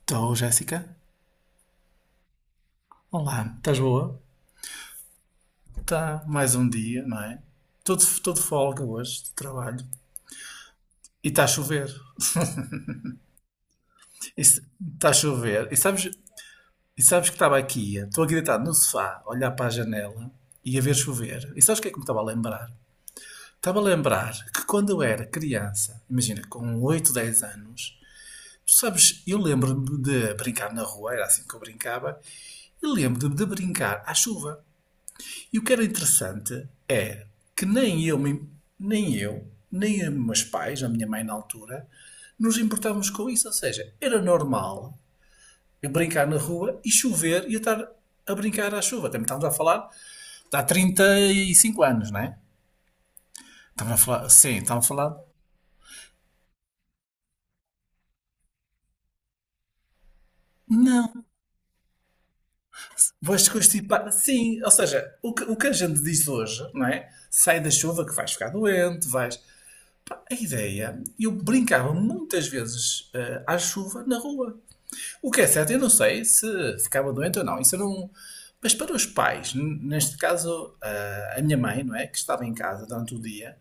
Estou, Jéssica. Olá, estás boa? Está mais um dia, não é? Todo folga hoje de trabalho. E está a chover. E Está a chover. E sabes que estou aqui deitado no sofá, a olhar para a janela e a ver chover. E sabes o que é que me estava a lembrar? Estava a lembrar que quando eu era criança, imagina, com 8, 10 anos, tu sabes, eu lembro-me de brincar na rua, era assim que eu brincava, e lembro-me de brincar à chuva. E o que era interessante é que nem eu, nem os meus pais, a minha mãe na altura, nos importávamos com isso. Ou seja, era normal eu brincar na rua e chover e eu estar a brincar à chuva. Também estávamos a falar há 35 anos, não é? Estávamos a falar, sim, não, vais constipar. Sim, ou seja, o que a gente diz hoje, não é? Sai da chuva que vais ficar doente, vais. Pá, a ideia, eu brincava muitas vezes à chuva na rua. O que é certo, eu não sei se ficava doente ou não. Isso eu não. Mas para os pais, neste caso a minha mãe, não é, que estava em casa durante o dia,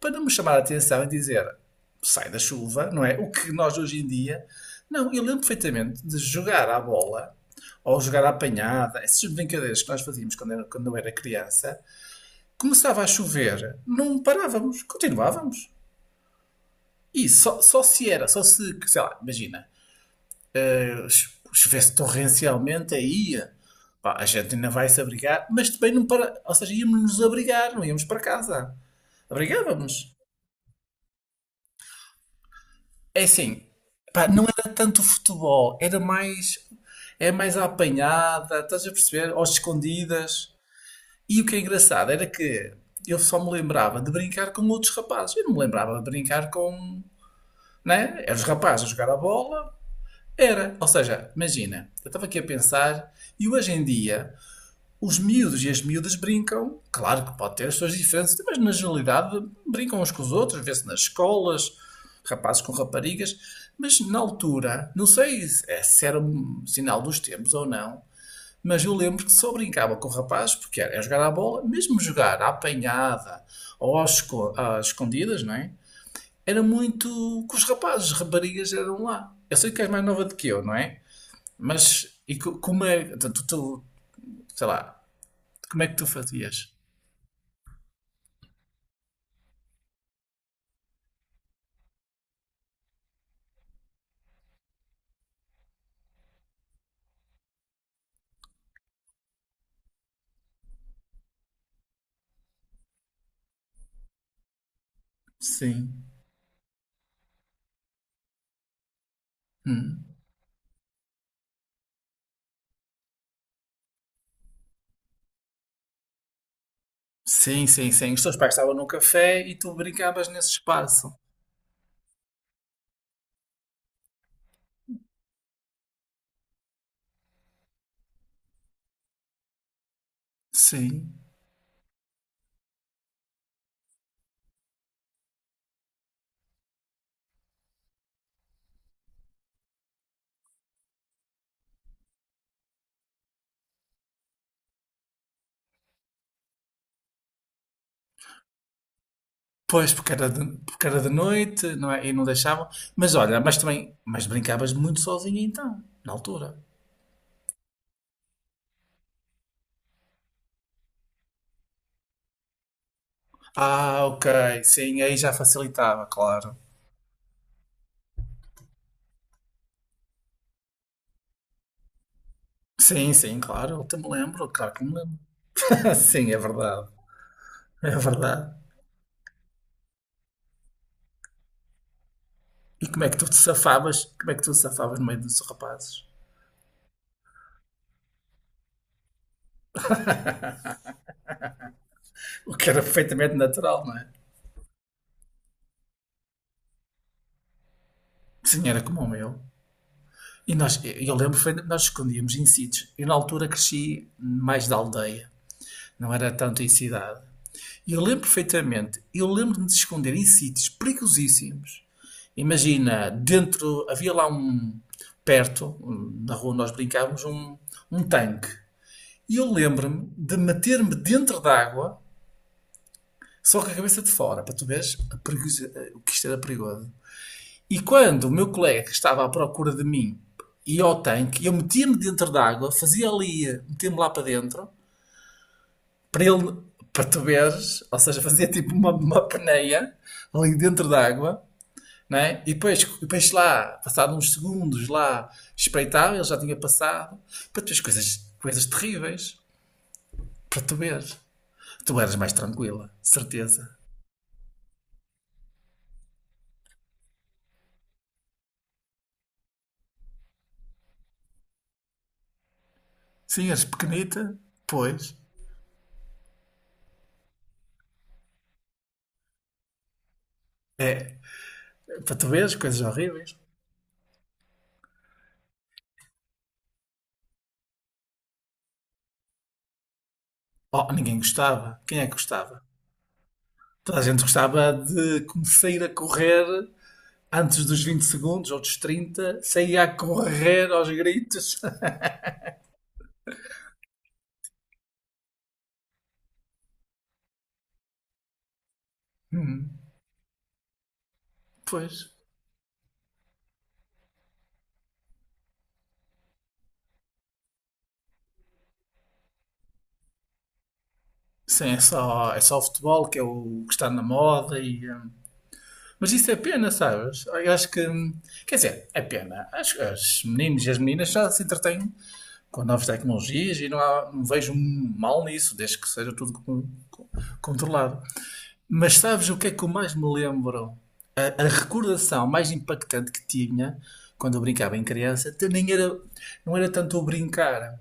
para não me chamar a atenção e dizer sai da chuva, não é? O que nós hoje em dia. Não, eu lembro perfeitamente de jogar à bola ou jogar à apanhada, essas brincadeiras que nós fazíamos quando eu era criança. Começava a chover, não parávamos, continuávamos. E só, só se era, só se, Sei lá, imagina, se chovesse torrencialmente, aí pá, a gente ainda vai se abrigar, mas também não para. Ou seja, íamos nos abrigar, não íamos para casa. Abrigávamos. É assim, pá, não era tanto futebol, era mais. É mais à apanhada, estás a perceber? Ou escondidas. E o que é engraçado era que eu só me lembrava de brincar com outros rapazes. Eu não me lembrava de brincar com. Né? Eram os rapazes a jogar a bola. Era. Ou seja, imagina, eu estava aqui a pensar e hoje em dia os miúdos e as miúdas brincam, claro que pode ter as suas diferenças, mas na generalidade brincam uns com os outros, vê-se nas escolas, rapazes com raparigas, mas na altura, não sei se era um sinal dos tempos ou não, mas eu lembro que só brincava com rapazes porque era jogar à bola, mesmo jogar à apanhada ou às escondidas, não é? Era muito com os rapazes, as raparigas eram lá. Eu sei que és mais nova do que eu, não é? Mas e como é, sei lá, como é que tu fazias? Sim. Hum. Sim, sim, sim. Os teus pais estavam no café e tu brincavas nesse espaço. Sim. Pois, porque era de noite, não é? E não deixavam. Mas olha, mas brincavas muito sozinha então, na altura. Ah, ok. Sim, aí já facilitava, claro. Sim, sim, claro. Eu te me lembro, claro que me lembro. Sim, é verdade. É verdade. E como é que tu te safavas? Como é que tu te safavas no meio dos rapazes? O que era perfeitamente natural, não é? Sim, era como o meu. Nós escondíamos em sítios. Eu na altura cresci mais da aldeia, não era tanto em cidade. E eu lembro perfeitamente, eu lembro-me de esconder em sítios perigosíssimos. Imagina, dentro, havia lá um, perto, um, na rua nós brincávamos, um tanque. E eu lembro-me de meter-me dentro d'água, só com a cabeça de fora, para tu veres o que isto era perigoso. E quando o meu colega estava à procura de mim ia ao tanque, eu metia-me dentro d'água, fazia ali, metia-me lá para dentro, para ele, para tu veres, ou seja, fazia tipo uma peneia ali dentro d'água, né? E depois, lá, passado uns segundos lá, espreitava, ele já tinha passado, para tu veres coisas, coisas terríveis, para tu veres. Tu eras mais tranquila, certeza. Sim, eras pequenita, pois. É, para tu veres coisas horríveis. Oh, ninguém gostava. Quem é que gostava? Toda a gente gostava de começar a correr antes dos 20 segundos ou dos 30 sair a correr aos gritos. Hum, pois. Sim, é só o futebol que é o que está na moda Mas isso é pena, sabes? Eu acho que. Quer dizer, é pena. Acho que os meninos e as meninas já se entretêm com novas tecnologias e não, não vejo mal nisso, desde que seja tudo controlado. Mas sabes o que é que eu mais me lembro? A recordação mais impactante que tinha quando eu brincava em criança até nem era, não era tanto o brincar.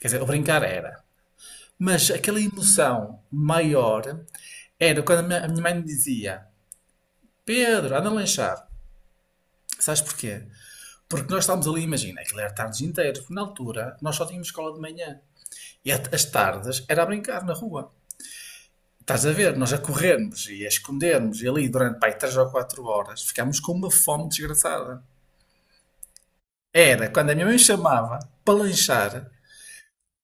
Quer dizer, o brincar era. Mas aquela emoção maior era quando a minha mãe me dizia: Pedro, anda a lanchar. Sabes porquê? Porque nós estávamos ali, imagina, aquilo era tardes inteiras, porque na altura nós só tínhamos escola de manhã. As tardes era a brincar na rua. Estás a ver, nós a corrermos e a escondermos e ali durante pai, 3 ou 4 horas ficámos com uma fome desgraçada. Era quando a minha mãe chamava para lanchar,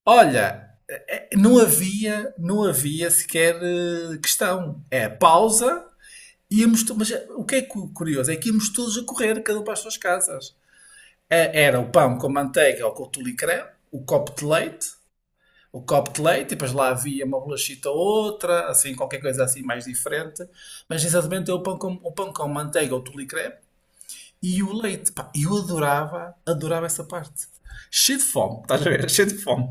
olha, não havia, questão. É pausa, mas o que é curioso é que íamos todos a correr, cada um para as suas casas. Era o pão com manteiga ou com tulicré, o copo de leite e depois lá havia uma bolachita ou outra, assim, qualquer coisa assim mais diferente. Mas exatamente é o pão com manteiga ou tule crepe e o leite. Pá, eu adorava, adorava essa parte. Cheio de fome, estás a ver? Cheio de fome.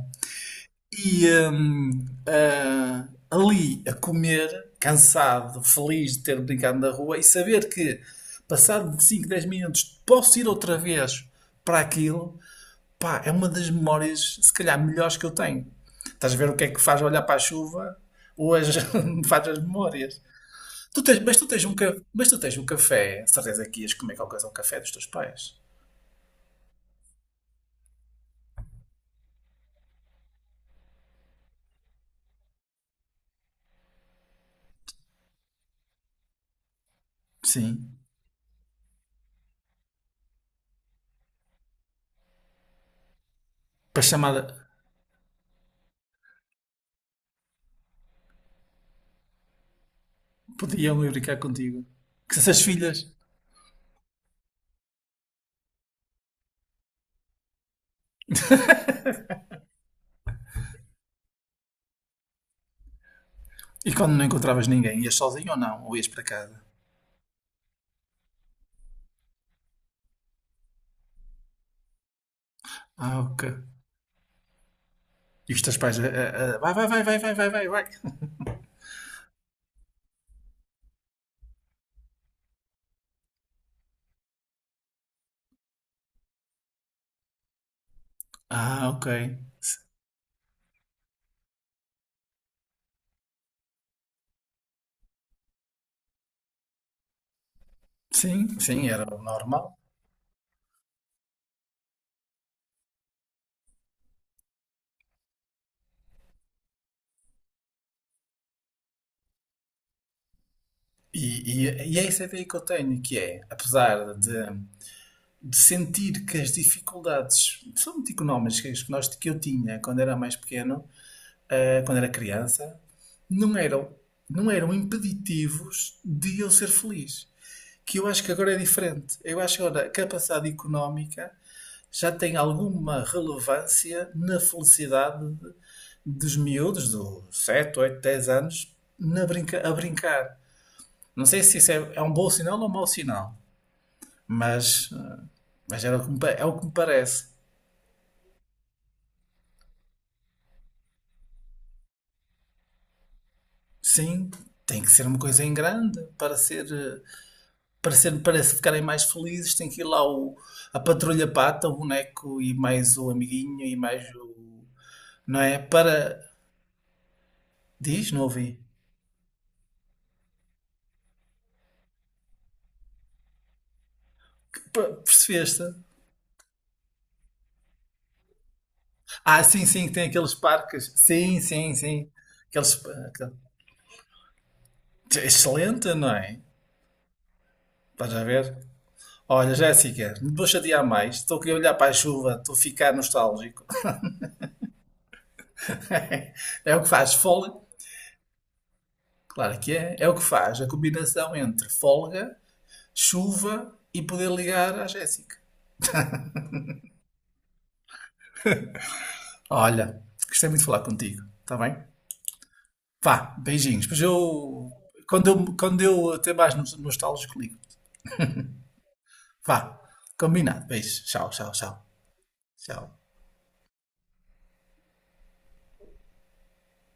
Ali a comer, cansado, feliz de ter brincado na rua e saber que, passado de 5, 10 minutos, posso ir outra vez para aquilo. Pá, é uma das memórias, se calhar, melhores que eu tenho. Estás a ver o que é que faz olhar para a chuva ou as, faz as memórias. Tu tens um, mas tu tens um café, certeza que ias comer qualquer coisa ao café dos teus pais. Sim. Para chamar, podiam ir brincar contigo. Com essas filhas. E quando não encontravas ninguém, ias sozinho ou não? Ou ias para casa? Ah, ok. E os teus pais, vai, vai, vai, vai, vai, vai, vai, vai. Ah, ok. Sim, sim, era o normal. E é essa ideia que eu tenho, que é, apesar de sentir que as dificuldades, são muito económicas, que, nós, que eu tinha quando era mais pequeno, quando era criança, não eram, não eram impeditivos de eu ser feliz. Que eu acho que agora é diferente. Eu acho que agora a capacidade económica já tem alguma relevância na felicidade de- dos miúdos, dos 7 8 10 anos, na brinca, a brincar. Não sei se é um bom sinal ou um mau sinal, mas, mas era o que é o que me parece. Sim, tem que ser uma coisa em grande para ser, para ser, para se ficarem mais felizes. Tem que ir lá o, a patrulha pata, o boneco e mais o amiguinho e mais o. Não é? Para. Diz, não ouvi. Percebeste? Ah, sim, sim, que tem aqueles parques. Sim, sim, sim. Aqueles. Excelente, não é? Estás a ver? Olha, Jéssica, não te vou chatear mais. Estou aqui a olhar para a chuva, estou a ficar nostálgico. É o que faz folga, claro que é. É o que faz a combinação entre folga, chuva e poder ligar à Jéssica. Olha, gostei muito de falar contigo, está bem? Vá, beijinhos. Pois eu, quando eu até mais nostálgico, ligo. Vá, combinado. Beijos. Tchau, tchau, tchau. Tchau.